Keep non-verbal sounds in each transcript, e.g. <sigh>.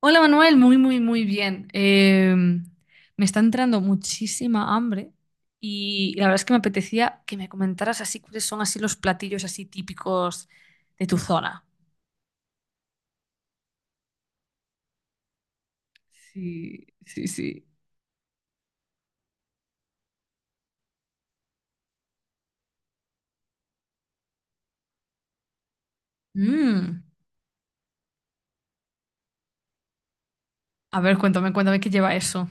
Hola Manuel, muy, muy, muy bien. Me está entrando muchísima hambre y la verdad es que me apetecía que me comentaras así cuáles son así los platillos así típicos de tu zona. Sí, sí, sí. Mm. A ver, cuéntame, cuéntame qué lleva eso.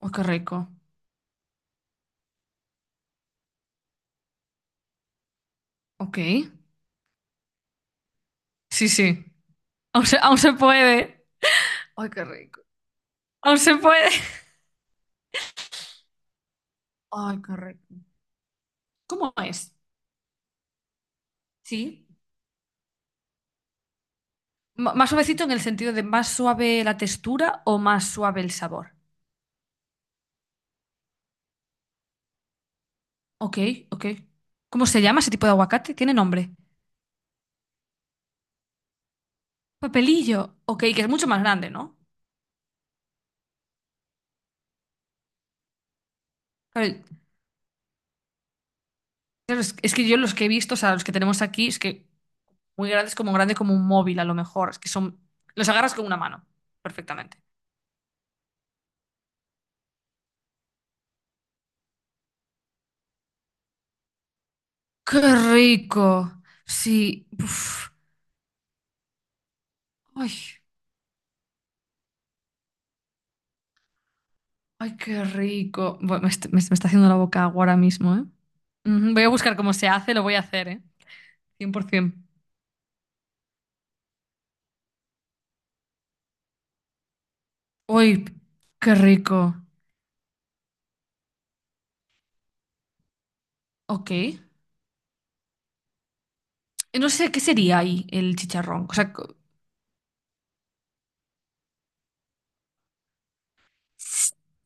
¡Ay, qué rico! Ok. Sí, sí. Aún se puede. Ay, qué rico. Aún se puede. ¡Ay, qué rico! ¿Cómo es? Sí. ¿Más suavecito en el sentido de más suave la textura o más suave el sabor? Ok, ok. ¿Cómo se llama ese tipo de aguacate? ¿Tiene nombre? Papelillo. Ok, que es mucho más grande, ¿no? Claro, claro, es que yo los que he visto, o sea, los que tenemos aquí, es que muy grandes como grande como un móvil a lo mejor. Es que son... Los agarras con una mano, perfectamente. ¡Qué rico! Sí. Uf. Ay, ay, qué rico. Bueno, me está haciendo la boca agua ahora mismo, ¿eh? Ujú. Voy a buscar cómo se hace, lo voy a hacer, ¿eh? 100%. ¡Uy, qué rico! Ok. No sé qué sería ahí el chicharrón. O sea,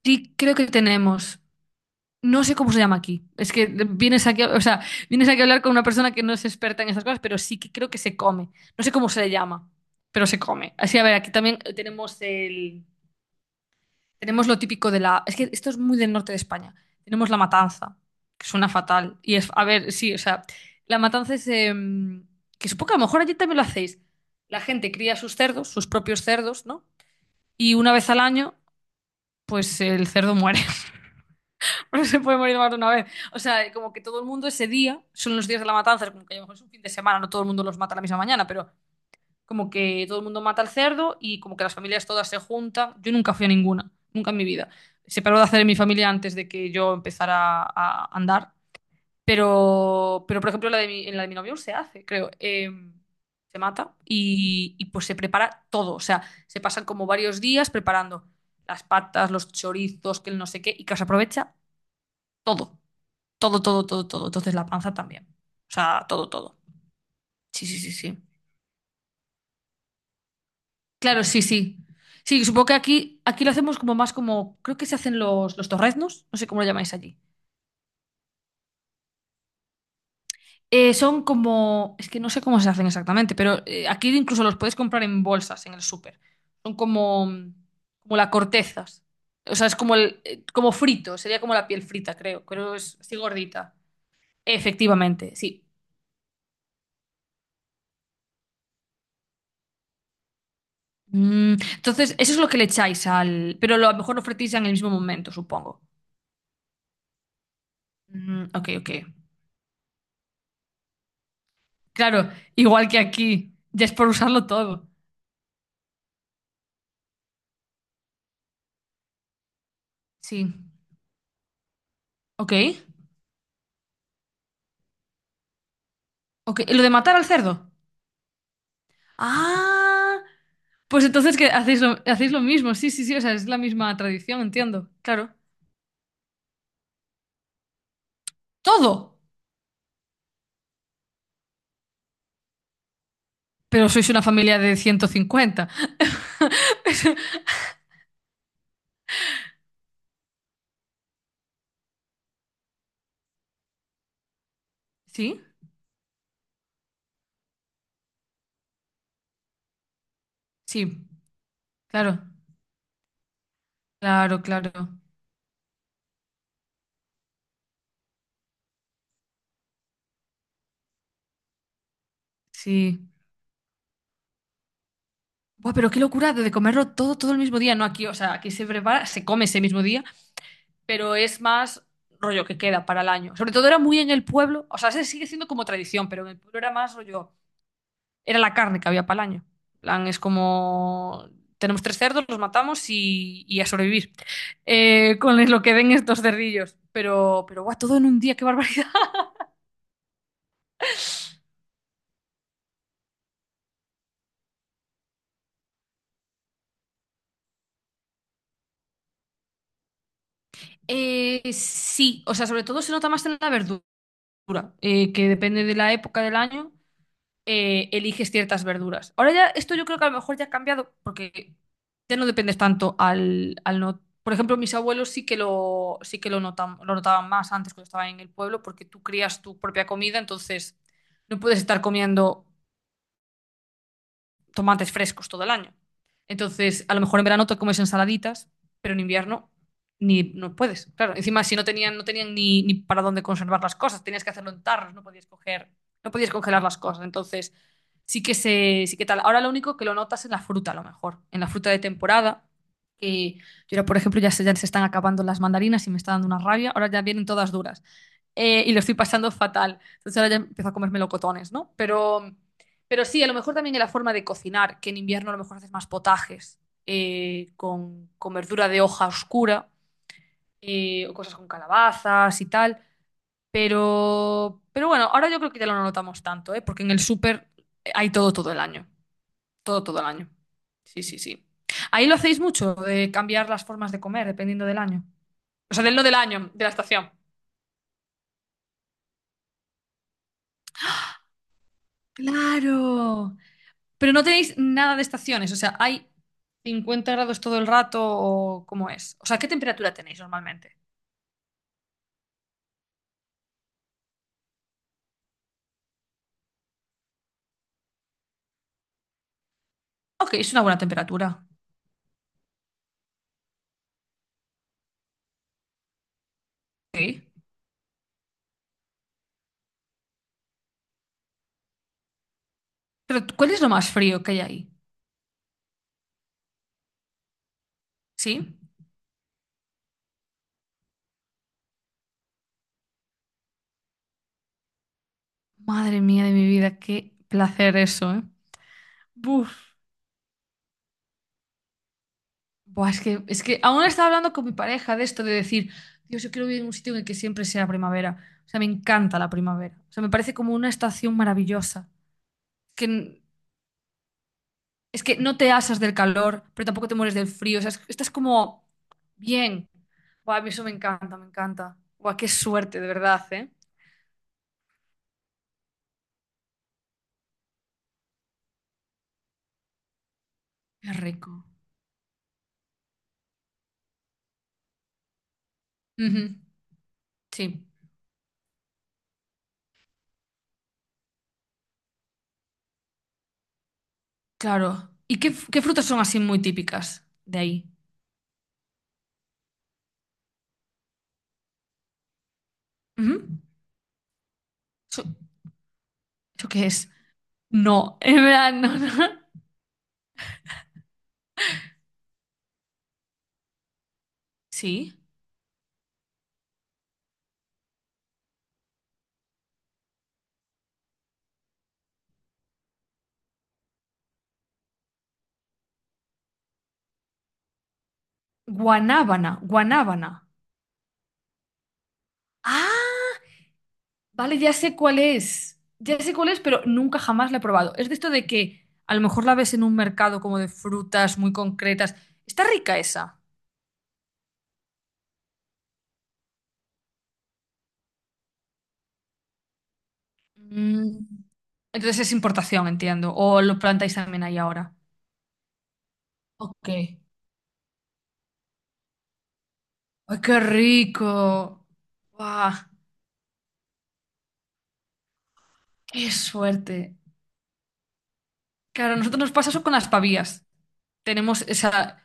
sí creo que tenemos. No sé cómo se llama aquí. Es que vienes aquí, o sea, vienes aquí a hablar con una persona que no es experta en estas cosas, pero sí que creo que se come. No sé cómo se le llama, pero se come. Así, a ver, aquí también tenemos lo típico de la. Es que esto es muy del norte de España. Tenemos la matanza, que suena fatal. Y es, a ver, sí, o sea, la matanza es que supongo que a lo mejor allí también lo hacéis. La gente cría sus cerdos, sus propios cerdos, ¿no? Y una vez al año, pues el cerdo muere. <laughs> No se puede morir más de una vez. O sea, como que todo el mundo ese día, son los días de la matanza, es como que a lo mejor es un fin de semana, no todo el mundo los mata la misma mañana, pero como que todo el mundo mata al cerdo y como que las familias todas se juntan. Yo nunca fui a ninguna, nunca en mi vida. Se paró de hacer en mi familia antes de que yo empezara a andar. Pero por ejemplo, la de mi, en la de mi novio se hace, creo. Se mata pues se prepara todo. O sea, se pasan como varios días preparando las patas, los chorizos, que el no sé qué, y que se aprovecha todo. Todo, todo, todo, todo. Entonces la panza también. O sea, todo, todo. Sí, sí, sí, sí. Claro, sí, sí. Sí, supongo que aquí lo hacemos como más como, creo que se hacen los torreznos, no sé cómo lo llamáis allí. Son como, es que no sé cómo se hacen exactamente, pero aquí incluso los puedes comprar en bolsas en el súper. Son como la cortezas. O sea, es como frito, sería como la piel frita, creo. Creo que es así gordita. Efectivamente, sí. Entonces, eso es lo que le echáis al. Pero a lo mejor lo fretéis en el mismo momento, supongo. Mm, ok, ok. Claro, igual que aquí. Ya es por usarlo todo. Sí. Ok. Ok. ¿Lo de matar al cerdo? Ah. Pues entonces que hacéis lo mismo, sí, sí, sí, o sea, es la misma tradición, entiendo, claro. Todo, pero sois una familia de 150 <laughs> Sí, sí, claro, claro, claro, sí. Buah, pero qué locura de comerlo todo, todo el mismo día, no aquí, o sea, aquí se prepara, se come ese mismo día, pero es más rollo que queda para el año. Sobre todo era muy en el pueblo, o sea, se sigue siendo como tradición, pero en el pueblo era más rollo. Era la carne que había para el año. Plan, es como, tenemos tres cerdos, los matamos y a sobrevivir con lo que den estos cerdillos. Pero, guau, todo en un día, qué barbaridad. <laughs> Sí, o sea, sobre todo se nota más en la verdura, que depende de la época del año, eliges ciertas verduras. Ahora ya, esto yo creo que a lo mejor ya ha cambiado porque ya no dependes tanto al no. Por ejemplo, mis abuelos sí que lo notan, lo notaban más antes cuando estaban en el pueblo porque tú crías tu propia comida, entonces no puedes estar comiendo tomates frescos todo el año. Entonces, a lo mejor en verano te comes ensaladitas, pero en invierno ni no puedes. Claro, encima si no tenían ni para dónde conservar las cosas, tenías que hacerlo en tarros, no podías coger, no podías congelar las cosas. Entonces, sí que tal. Ahora lo único que lo notas en la fruta, a lo mejor, en la fruta de temporada. Que yo ahora, por ejemplo, ya se están acabando las mandarinas y me está dando una rabia. Ahora ya vienen todas duras y lo estoy pasando fatal. Entonces ahora ya empiezo a comer melocotones, ¿no? Pero sí, a lo mejor también en la forma de cocinar, que en invierno a lo mejor haces más potajes con, verdura de hoja oscura o cosas con calabazas y tal. Pero bueno, ahora yo creo que ya lo no notamos tanto, ¿eh? Porque en el súper hay todo todo el año. Todo todo el año. Sí, sí, sí. Ahí lo hacéis mucho, de cambiar las formas de comer dependiendo del año. O sea, del no del año, de la estación. Claro. Pero no tenéis nada de estaciones, o sea, hay 50 grados todo el rato o cómo es. O sea, ¿qué temperatura tenéis normalmente? Ok, es una buena temperatura. Sí. Pero ¿cuál es lo más frío que hay ahí? ¿Sí? Madre mía de mi vida, qué placer eso, ¿eh? Buf. Buah, es que aún estaba hablando con mi pareja de esto, de decir, Dios, yo quiero vivir en un sitio en el que siempre sea primavera. O sea, me encanta la primavera. O sea, me parece como una estación maravillosa. Que n- Es que no te asas del calor, pero tampoco te mueres del frío. O sea, estás como bien. Buah, a mí eso me encanta, me encanta. Buah, qué suerte, de verdad, ¿eh? Qué rico. Ujú, sí, claro. ¿Y qué frutas son así muy típicas de ahí? Ujú. ¿Eso, eso qué es? No, <laughs> en verdad, no, no. Sí. Guanábana, guanábana. ¡Ah! Vale, ya sé cuál es. Ya sé cuál es, pero nunca jamás la he probado. Es de esto de que a lo mejor la ves en un mercado como de frutas muy concretas. Está rica esa. Mm, Entonces es importación, entiendo. O lo plantáis también ahí ahora. Ok. ¡Ay, qué rico! ¡Guau! ¡Qué suerte! Claro, a nosotros nos pasa eso con las pavías. Tenemos esa...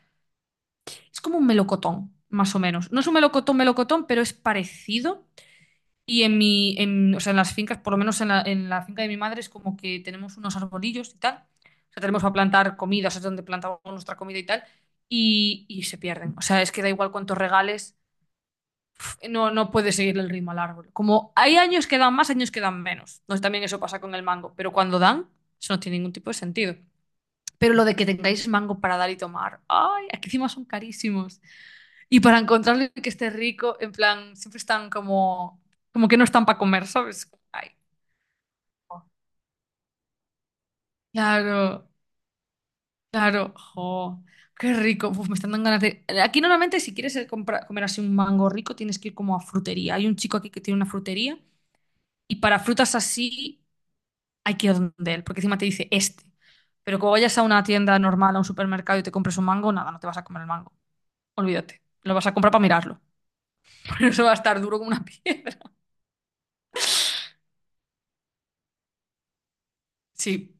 Es como un melocotón, más o menos. No es un melocotón, melocotón, pero es parecido. Y o sea, en las fincas, por lo menos en la finca de mi madre, es como que tenemos unos arbolillos y tal. O sea, tenemos para plantar comida, o sea, es donde plantamos nuestra comida y tal. Y se pierden. O sea, es que da igual cuántos regales, no puede seguir el ritmo al árbol. Como hay años que dan más, años que dan menos. No, también eso pasa con el mango. Pero cuando dan, eso no tiene ningún tipo de sentido. Pero lo de que tengáis mango para dar y tomar, ay, aquí encima son carísimos. Y para encontrarle que esté rico, en plan, siempre están como que no están para comer, ¿sabes? Ay, claro, claro, jo, qué rico. Uf, me están dando ganas de... Aquí normalmente si quieres comer así un mango rico, tienes que ir como a frutería. Hay un chico aquí que tiene una frutería y para frutas así hay que ir donde él, porque encima te dice este. Pero como vayas a una tienda normal, a un supermercado y te compres un mango, nada, no te vas a comer el mango. Olvídate. Lo vas a comprar para mirarlo. <laughs> Pero eso va a estar duro como una piedra. Sí.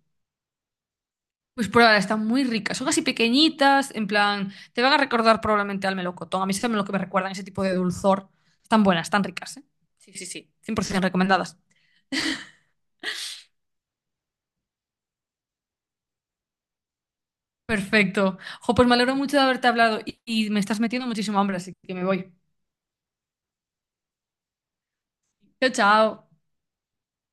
Pues prueba, están muy ricas. Son así pequeñitas, en plan, te van a recordar probablemente al melocotón. A mí es lo que me recuerdan ese tipo de dulzor. Están buenas, están ricas, ¿eh? Sí, sí, sí. 100% recomendadas. Perfecto. Jo, pues me alegro mucho de haberte hablado y me estás metiendo muchísimo hambre, así que me voy. Chao, chao.